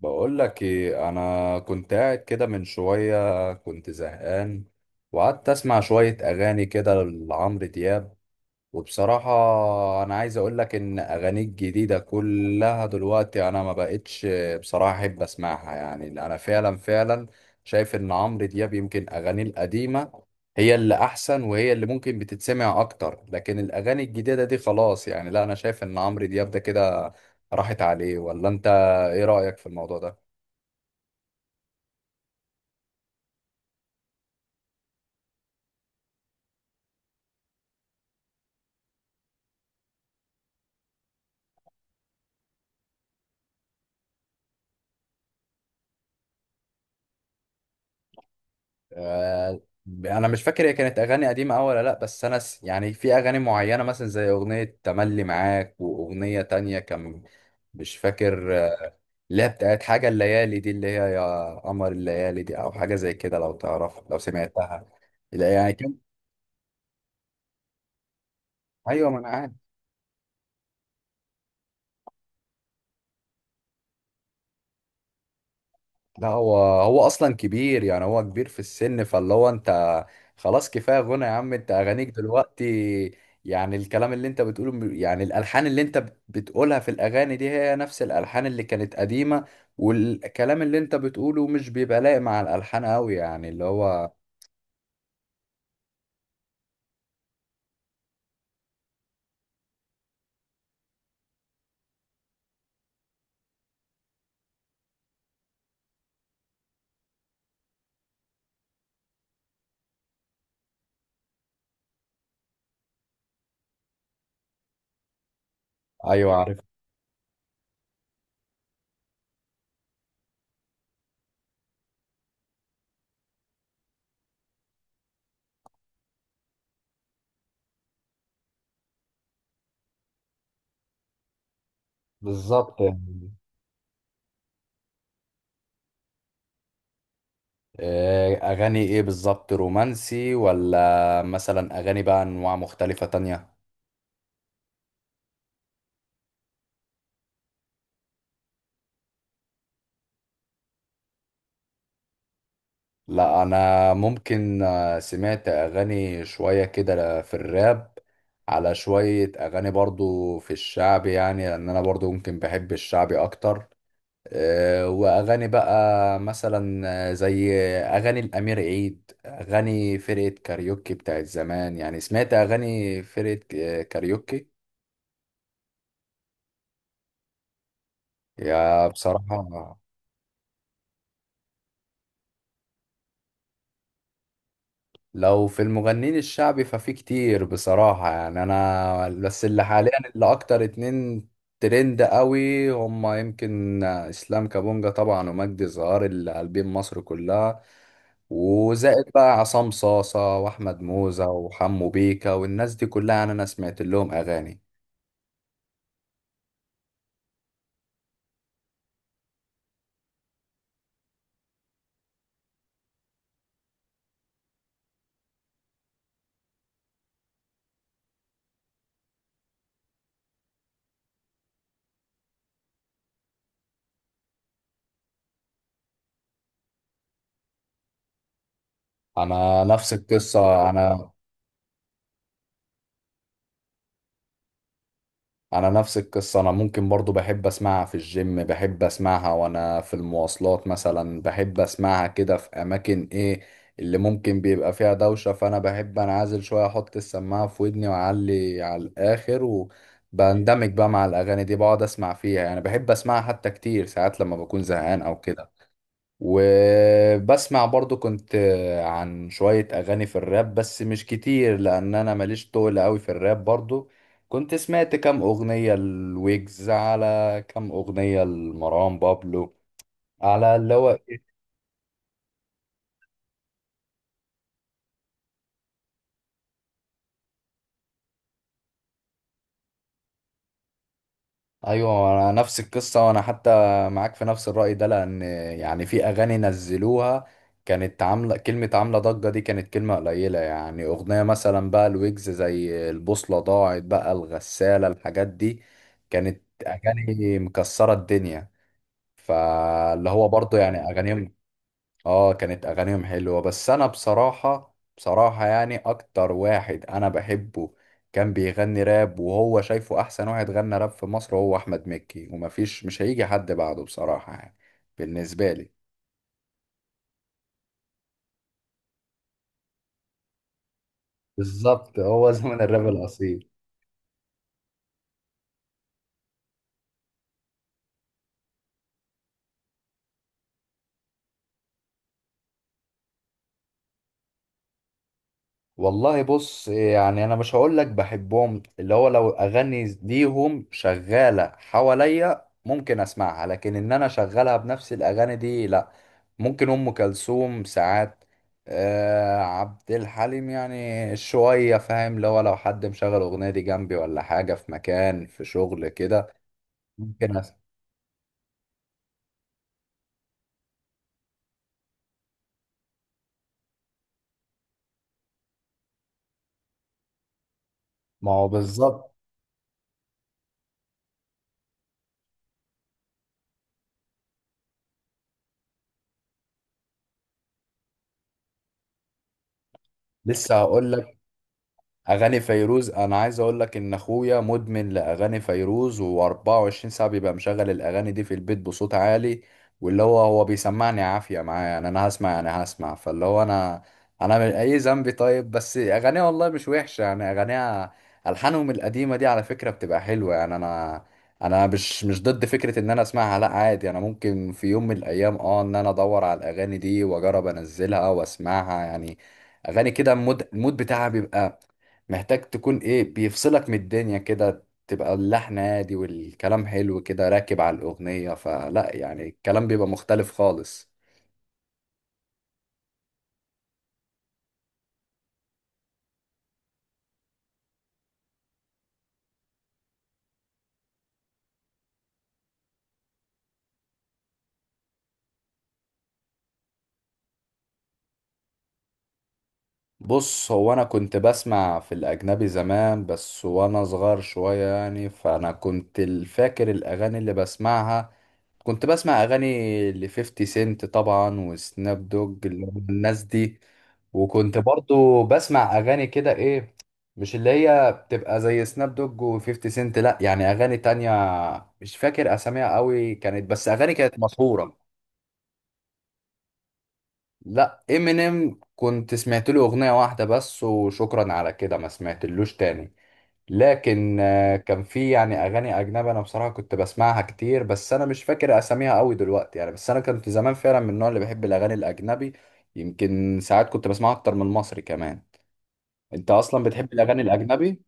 بقول لك ايه، انا كنت قاعد كده من شويه، كنت زهقان وقعدت اسمع شويه اغاني كده لعمرو دياب. وبصراحه انا عايز اقول لك ان اغانيه الجديده كلها دلوقتي انا ما بقتش بصراحه احب اسمعها. يعني انا فعلا شايف ان عمرو دياب يمكن اغانيه القديمه هي اللي احسن، وهي اللي ممكن بتتسمع اكتر، لكن الاغاني الجديده دي خلاص. يعني لا، انا شايف ان عمرو دياب ده كده راحت عليه. ولا انت ايه رايك في الموضوع ده؟ آه، انا مش فاكر هي كانت اغاني قديمه أوي ولا لا، بس يعني في اغاني معينه مثلا زي اغنيه تملي معاك واغنيه تانية كان مش فاكر اللي هي بتاعت حاجه الليالي دي، اللي هي يا قمر الليالي دي او حاجه زي كده لو تعرف لو سمعتها. لا يعني كان. ايوه ما انا عارف. لا، هو اصلا كبير، يعني هو كبير في السن. فاللي هو انت خلاص، كفايه غنى يا عم. انت اغانيك دلوقتي يعني الكلام اللي انت بتقوله يعني الالحان اللي انت بتقولها في الاغاني دي هي نفس الالحان اللي كانت قديمه، والكلام اللي انت بتقوله مش بيبقى لايق مع الالحان قوي، يعني اللي هو. ايوه عارف. بالظبط يعني. اغاني ايه بالظبط؟ رومانسي، ولا مثلا اغاني بقى انواع مختلفه تانية؟ لا انا ممكن سمعت اغاني شوية كده في الراب، على شوية اغاني برضو في الشعب. يعني لان انا برضو ممكن بحب الشعبي اكتر. واغاني بقى مثلا زي اغاني الامير عيد، اغاني فرقة كاريوكي بتاعت زمان. يعني سمعت اغاني فرقة كاريوكي. يا بصراحة. لو في المغنيين الشعبي ففي كتير بصراحة، يعني أنا بس اللي حاليا اللي أكتر اتنين ترند قوي هما يمكن إسلام كابونجا طبعا، ومجدي الزهار اللي قلبين مصر كلها. وزائد بقى عصام صاصة وأحمد موزة وحمو بيكا والناس دي كلها، يعني أنا سمعت لهم أغاني. أنا نفس القصة. أنا انا نفس القصه، انا ممكن برضو بحب اسمعها في الجيم، بحب اسمعها وانا في المواصلات مثلا، بحب اسمعها كده في اماكن ايه اللي ممكن بيبقى فيها دوشه، فانا بحب انعزل شويه، احط السماعه في ودني واعلي على الاخر، وبندمج بقى مع الاغاني دي، بقعد اسمع فيها. يعني بحب اسمعها حتى كتير ساعات لما بكون زهقان او كده. وبسمع برضو كنت عن شوية أغاني في الراب بس مش كتير، لأن أنا ماليش طول أوي في الراب. برضو كنت سمعت كام أغنية الويجز، على كام أغنية لمروان بابلو، على اللي هو. ايوه انا نفس القصه، وانا حتى معاك في نفس الراي ده، لان يعني في اغاني نزلوها كانت عامله كلمه، عامله ضجه، دي كانت كلمه قليله، يعني اغنيه مثلا بقى الويجز زي البوصله ضاعت بقى الغساله، الحاجات دي كانت اغاني مكسره الدنيا. فاللي هو برضه يعني اغانيهم. اه كانت اغانيهم حلوة، بس انا بصراحة يعني اكتر واحد انا بحبه كان بيغني راب، وهو شايفه احسن واحد غنى راب في مصر هو احمد مكي، ومفيش مش هيجي حد بعده بصراحة، يعني بالنسبة لي. بالظبط، هو زمن الراب الاصيل. والله بص، يعني انا مش هقول لك بحبهم. اللي هو لو اغاني ليهم شغالة حواليا ممكن اسمعها، لكن ان انا شغالها بنفس الاغاني دي لا. ممكن ام كلثوم ساعات، آه عبد الحليم يعني شوية، فاهم اللي هو لو حد مشغل اغنية دي جنبي ولا حاجة في مكان في شغل كده، ممكن أسمع. ما هو بالظبط. لسه هقول. اغاني فيروز، انا عايز اقول لك ان اخويا مدمن لاغاني فيروز، و24 ساعه بيبقى مشغل الاغاني دي في البيت بصوت عالي. واللي هو هو بيسمعني عافيه معايا، يعني انا هسمع، يعني هسمع. فاللي هو انا من اي ذنبي طيب؟ بس اغانيها والله مش وحشه، يعني اغانيها، الحانهم القديمه دي على فكره بتبقى حلوه. يعني انا مش ضد فكره ان انا اسمعها، لا عادي، انا ممكن في يوم من الايام اه ان انا ادور على الاغاني دي واجرب انزلها واسمعها. يعني اغاني كده، المود بتاعها بيبقى محتاج تكون ايه، بيفصلك من الدنيا كده، تبقى اللحن هادي والكلام حلو كده راكب على الأغنية، فلا يعني الكلام بيبقى مختلف خالص. بص هو انا كنت بسمع في الاجنبي زمان بس، وانا صغير شوية يعني. فانا كنت فاكر الاغاني اللي بسمعها، كنت بسمع اغاني ل 50 سنت طبعا وسناب دوج، اللي هم الناس دي. وكنت برضو بسمع اغاني كده ايه، مش اللي هي بتبقى زي سناب دوج و50 سنت لا، يعني اغاني تانية مش فاكر اساميها قوي كانت، بس اغاني كانت مشهورة. لا امينيم كنت سمعت له اغنيه واحده بس وشكرا على كده، ما سمعتلوش تاني. لكن كان في يعني اغاني اجنبي انا بصراحه كنت بسمعها كتير، بس انا مش فاكر اساميها قوي دلوقتي. يعني بس انا كنت زمان فعلا من النوع اللي بيحب الاغاني الاجنبي، يمكن ساعات كنت بسمعها اكتر من المصري كمان. انت اصلا بتحب الاغاني الاجنبي؟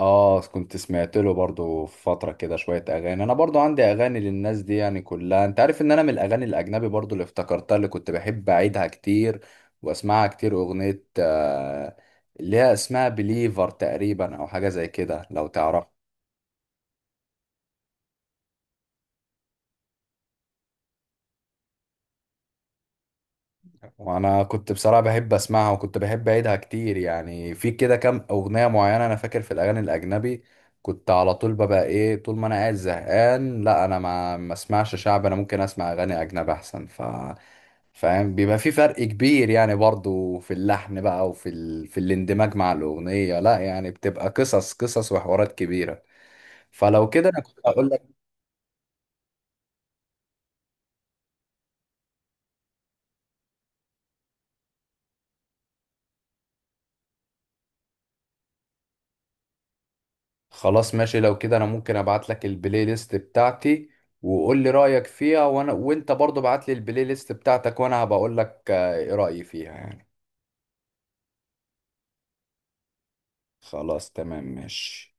اه كنت سمعت له برضو في فترة كده شوية اغاني، انا برضو عندي اغاني للناس دي يعني كلها. انت عارف ان انا من الاغاني الاجنبي برضو اللي افتكرتها، اللي كنت بحب اعيدها كتير واسمعها كتير، اغنية آه اللي هي اسمها بليفر تقريبا او حاجة زي كده لو تعرف. وانا كنت بصراحه بحب اسمعها، وكنت بحب اعيدها كتير. يعني في كده كام اغنيه معينه انا فاكر في الاغاني الاجنبي كنت على طول ببقى ايه، طول ما انا قاعد زهقان لا، انا ما اسمعش شعب، انا ممكن اسمع اغاني اجنبي احسن. ف فاهم بيبقى في فرق كبير، يعني برضو في اللحن بقى وفي في الاندماج مع الاغنيه، لا يعني بتبقى قصص قصص وحوارات كبيره. فلو كده انا كنت هقول. خلاص ماشي، لو كده انا ممكن ابعت لك البلاي ليست بتاعتي، وقول لي رايك فيها، وانا وانت برضو ابعت لي البلاي ليست بتاعتك، وانا هبقول لك ايه رايي فيها يعني. خلاص تمام ماشي.